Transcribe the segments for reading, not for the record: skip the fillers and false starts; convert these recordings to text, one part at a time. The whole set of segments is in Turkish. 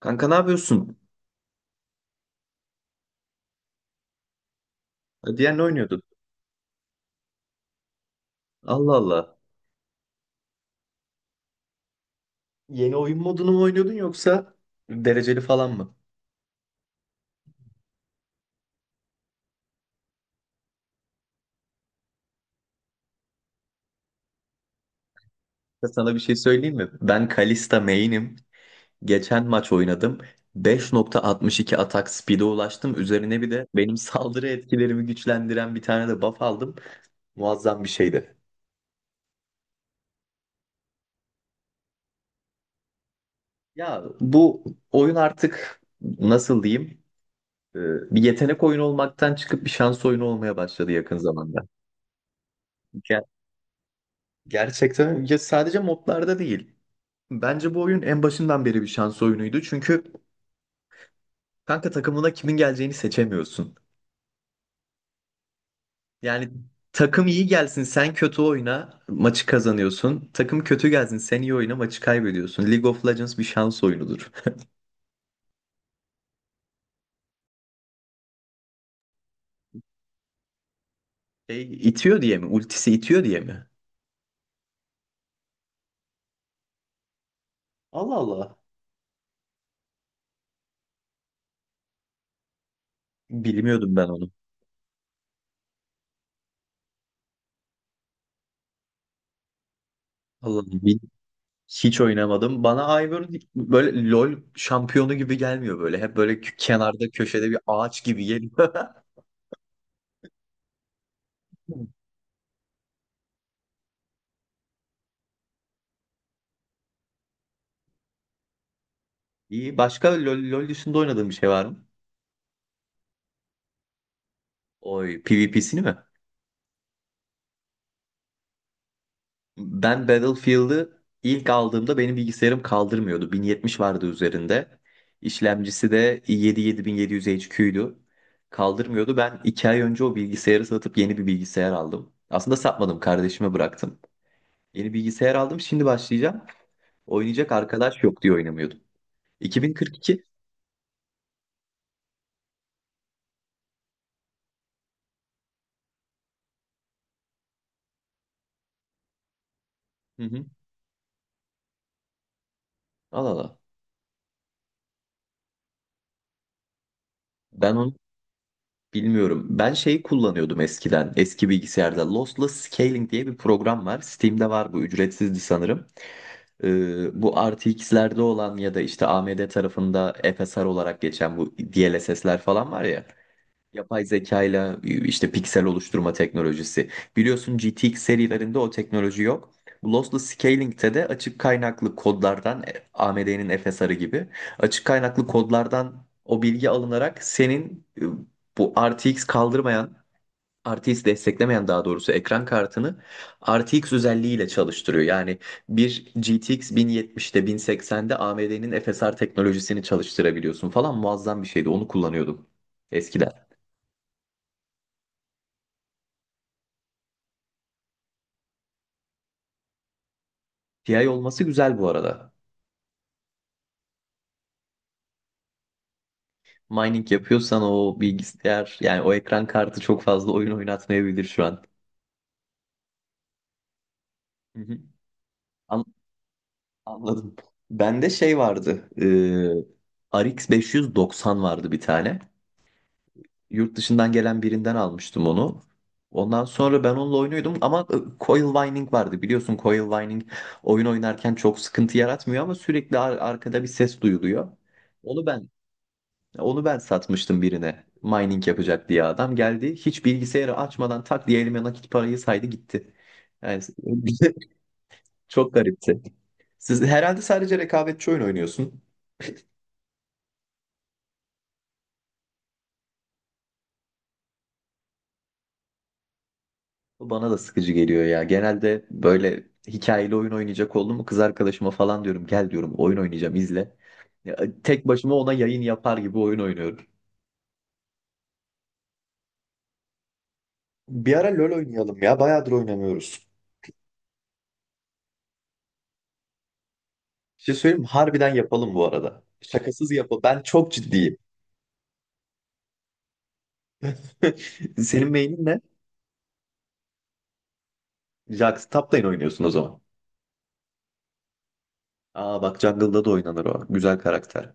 Kanka ne yapıyorsun? Diğer ne oynuyordun? Allah Allah. Yeni oyun modunu mu oynuyordun yoksa dereceli falan mı? Ya sana bir şey söyleyeyim mi? Ben Kalista main'im. Geçen maç oynadım. 5,62 atak speed'e ulaştım. Üzerine bir de benim saldırı etkilerimi güçlendiren bir tane de buff aldım. Muazzam bir şeydi. Ya bu oyun artık nasıl diyeyim? Ee, Bir yetenek oyunu olmaktan çıkıp bir şans oyunu olmaya başladı yakın zamanda. Ger- Gerçekten ya sadece modlarda değil. Bence bu oyun en başından beri bir şans oyunuydu. Çünkü kanka takımına kimin geleceğini seçemiyorsun. Yani takım iyi gelsin sen kötü oyna maçı kazanıyorsun. Takım kötü gelsin sen iyi oyna maçı kaybediyorsun. League of Legends bir şans oyunudur. E, itiyor diye mi? Ultisi itiyor diye mi? Allah Allah. Bilmiyordum ben onu. Allah Allah. Hiç oynamadım. Bana Ivern böyle LoL şampiyonu gibi gelmiyor böyle. Hep böyle kenarda köşede bir ağaç gibi geliyor. İyi. Başka LoL dışında oynadığım bir şey var mı? Oy, PvP'sini mi? Ben Battlefield'ı ilk aldığımda benim bilgisayarım kaldırmıyordu. 1070 vardı üzerinde. İşlemcisi de i7-7700 HQ'ydu. Kaldırmıyordu. Ben 2 ay önce o bilgisayarı satıp yeni bir bilgisayar aldım. Aslında satmadım, kardeşime bıraktım. Yeni bilgisayar aldım, şimdi başlayacağım. Oynayacak arkadaş yok diye oynamıyordum. 2042. Hı hı. Al, al, al. Ben onu Bilmiyorum. Ben şey kullanıyordum eskiden. Eski bilgisayarda Lossless Scaling diye bir program var. Steam'de var bu. Ücretsizdi sanırım. Bu RTX'lerde olan ya da işte AMD tarafında FSR olarak geçen bu DLSS'ler falan var ya. Yapay zekayla işte piksel oluşturma teknolojisi. Biliyorsun GTX serilerinde o teknoloji yok. Bu Lossless Scaling'te de açık kaynaklı kodlardan AMD'nin FSR'ı gibi açık kaynaklı kodlardan o bilgi alınarak senin bu RTX kaldırmayan RTX desteklemeyen daha doğrusu ekran kartını RTX özelliğiyle çalıştırıyor. Yani bir GTX 1070'te, 1080'de AMD'nin FSR teknolojisini çalıştırabiliyorsun falan. Muazzam bir şeydi. Onu kullanıyordum eskiden. TI olması güzel bu arada. Mining yapıyorsan o bilgisayar yani o ekran kartı çok fazla oyun oynatmayabilir şu an. Hı hı. An- Anladım. Bende şey vardı. RX 590 vardı bir tane. Yurt dışından gelen birinden almıştım onu. Ondan sonra ben onunla oynuyordum ama coil whining vardı. Biliyorsun coil whining oyun oynarken çok sıkıntı yaratmıyor ama sürekli arkada bir ses duyuluyor. Onu ben Onu ben satmıştım birine. Mining yapacak diye adam geldi. Hiç bilgisayarı açmadan tak diye elime nakit parayı saydı gitti. Yani çok garipti. Siz herhalde sadece rekabetçi oyun oynuyorsun. Bu bana da sıkıcı geliyor ya. Genelde böyle hikayeli oyun oynayacak oldum mu kız arkadaşıma falan diyorum gel diyorum oyun oynayacağım izle. Ya, tek başıma ona yayın yapar gibi oyun oynuyorum. Bir ara LoL oynayalım ya. Bayağıdır oynamıyoruz. Bir şey söyleyeyim mi? Harbiden yapalım bu arada. Şakasız yapalım. Ben çok ciddiyim. Senin mailin ne? Jax Tap'tayın oynuyorsun o zaman. Aa, bak Jungle'da da oynanır o. Güzel karakter.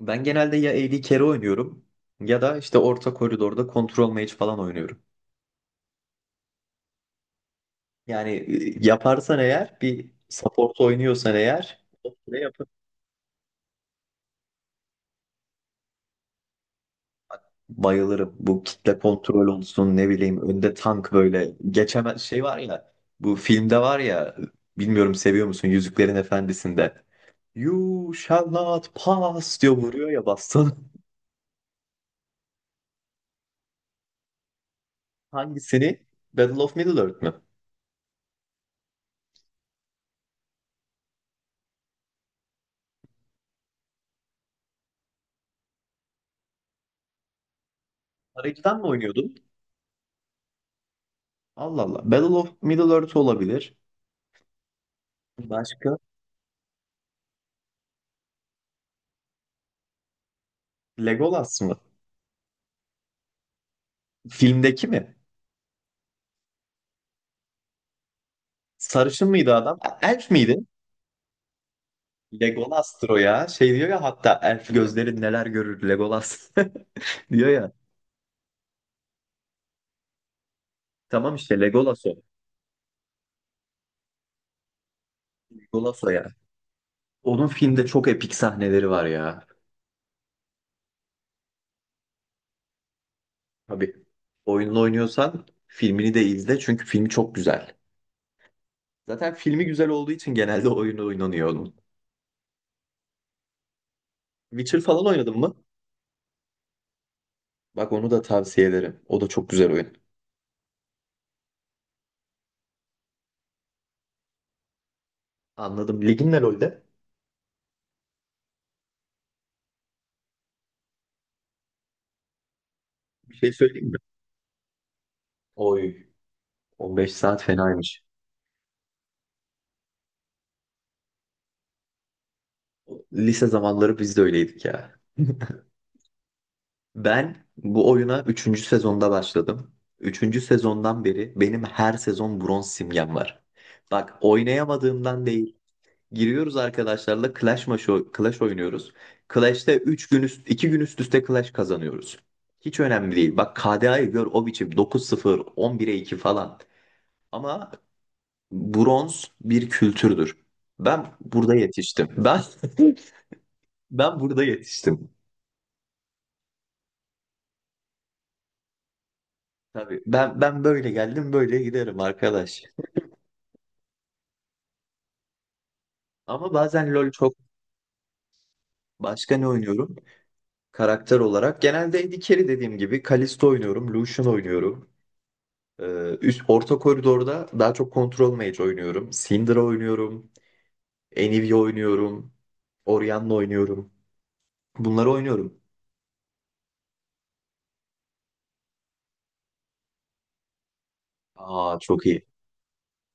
Ben genelde ya AD Carry oynuyorum ya da işte orta koridorda Control Mage falan oynuyorum. Yani yaparsan eğer bir support oynuyorsan eğer ne yapın? Bayılırım. Bu kitle kontrol olsun, ne bileyim önde tank böyle geçemez şey var ya. Bu filmde var ya, bilmiyorum seviyor musun, Yüzüklerin Efendisi'nde "You shall not pass" diyor, vuruyor ya baston. Hangisini? Battle of Middle-earth mü? Arayıcıdan mı oynuyordun? Allah Allah. Battle of Middle Earth olabilir. Başka? Legolas mı? Filmdeki mi? Sarışın mıydı adam? Elf miydi? Legolas'tır o ya. Şey diyor ya hatta, elf gözlerin neler görür Legolas diyor ya. Tamam işte Legolas o. Legolas o ya. Onun filmde çok epik sahneleri var ya. Tabii. Oyununu oynuyorsan filmini de izle, çünkü filmi çok güzel. Zaten filmi güzel olduğu için genelde oyunu oynanıyor onun. Witcher falan oynadın mı? Bak onu da tavsiye ederim. O da çok güzel oyun. Anladım. Ligin ne LoL'de? Bir şey söyleyeyim mi? Oy. 15 saat fenaymış. Lise zamanları biz de öyleydik ya. Ben bu oyuna üçüncü sezonda başladım. Üçüncü sezondan beri benim her sezon bronz simgem var. Bak oynayamadığımdan değil. Giriyoruz arkadaşlarla Clash maçı, Clash oynuyoruz. Clash'te 3 gün üst, 2 gün üst üste Clash kazanıyoruz. Hiç önemli değil. Bak KDA'yı gör o biçim, 9-0, 11'e iki falan. Ama bronz bir kültürdür. Ben burada yetiştim. Ben ben burada yetiştim. Tabii ben böyle geldim böyle giderim arkadaş. Ama bazen LoL çok... Başka ne oynuyorum karakter olarak? Genelde AD Carry dediğim gibi Kalisto oynuyorum, Lucian oynuyorum. Ee, üst orta koridorda daha çok Control Mage oynuyorum. Syndra oynuyorum, Anivia oynuyorum, Orianna oynuyorum. Bunları oynuyorum. Aa çok iyi.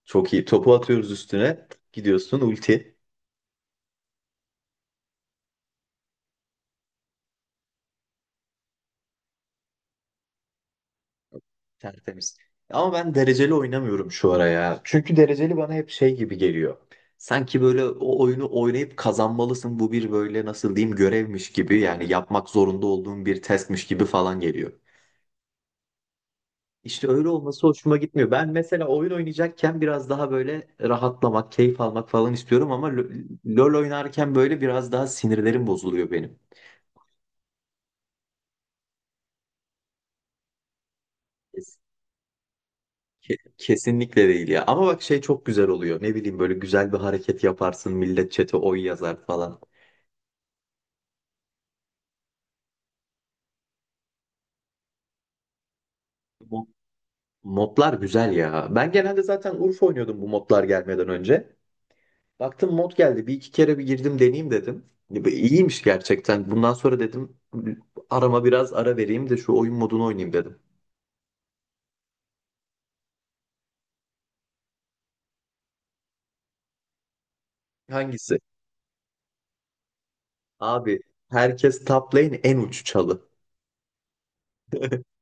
Çok iyi. Topu atıyoruz üstüne. Gidiyorsun ulti. Tertemiz. Ama ben dereceli oynamıyorum şu ara ya. Çünkü dereceli bana hep şey gibi geliyor. Sanki böyle o oyunu oynayıp kazanmalısın. Bu bir böyle nasıl diyeyim, görevmiş gibi, yani yapmak zorunda olduğum bir testmiş gibi falan geliyor. İşte öyle olması hoşuma gitmiyor. Ben mesela oyun oynayacakken biraz daha böyle rahatlamak, keyif almak falan istiyorum ama LoL oynarken böyle biraz daha sinirlerim bozuluyor benim. Kesinlikle değil ya. Ama bak şey çok güzel oluyor. Ne bileyim böyle güzel bir hareket yaparsın. Millet chat'e oy yazar falan. Mo- Modlar güzel ya. Ben genelde zaten Urfa oynuyordum bu modlar gelmeden önce. Baktım mod geldi. Bir iki kere bir girdim deneyeyim dedim. Ya bu İyiymiş gerçekten. Bundan sonra dedim arama biraz ara vereyim de şu oyun modunu oynayayım dedim. Hangisi? Abi herkes top lane en uç çalı.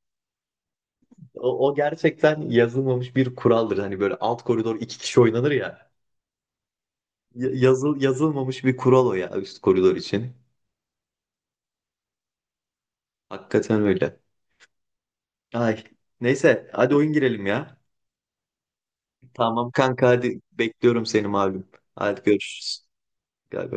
O, o gerçekten yazılmamış bir kuraldır. Hani böyle alt koridor iki kişi oynanır ya. Yazılmamış bir kural o ya üst koridor için. Hakikaten öyle. Ay. Neyse hadi oyun girelim ya. Tamam kanka, hadi bekliyorum seni malum. Hadi görüşürüz. Galiba.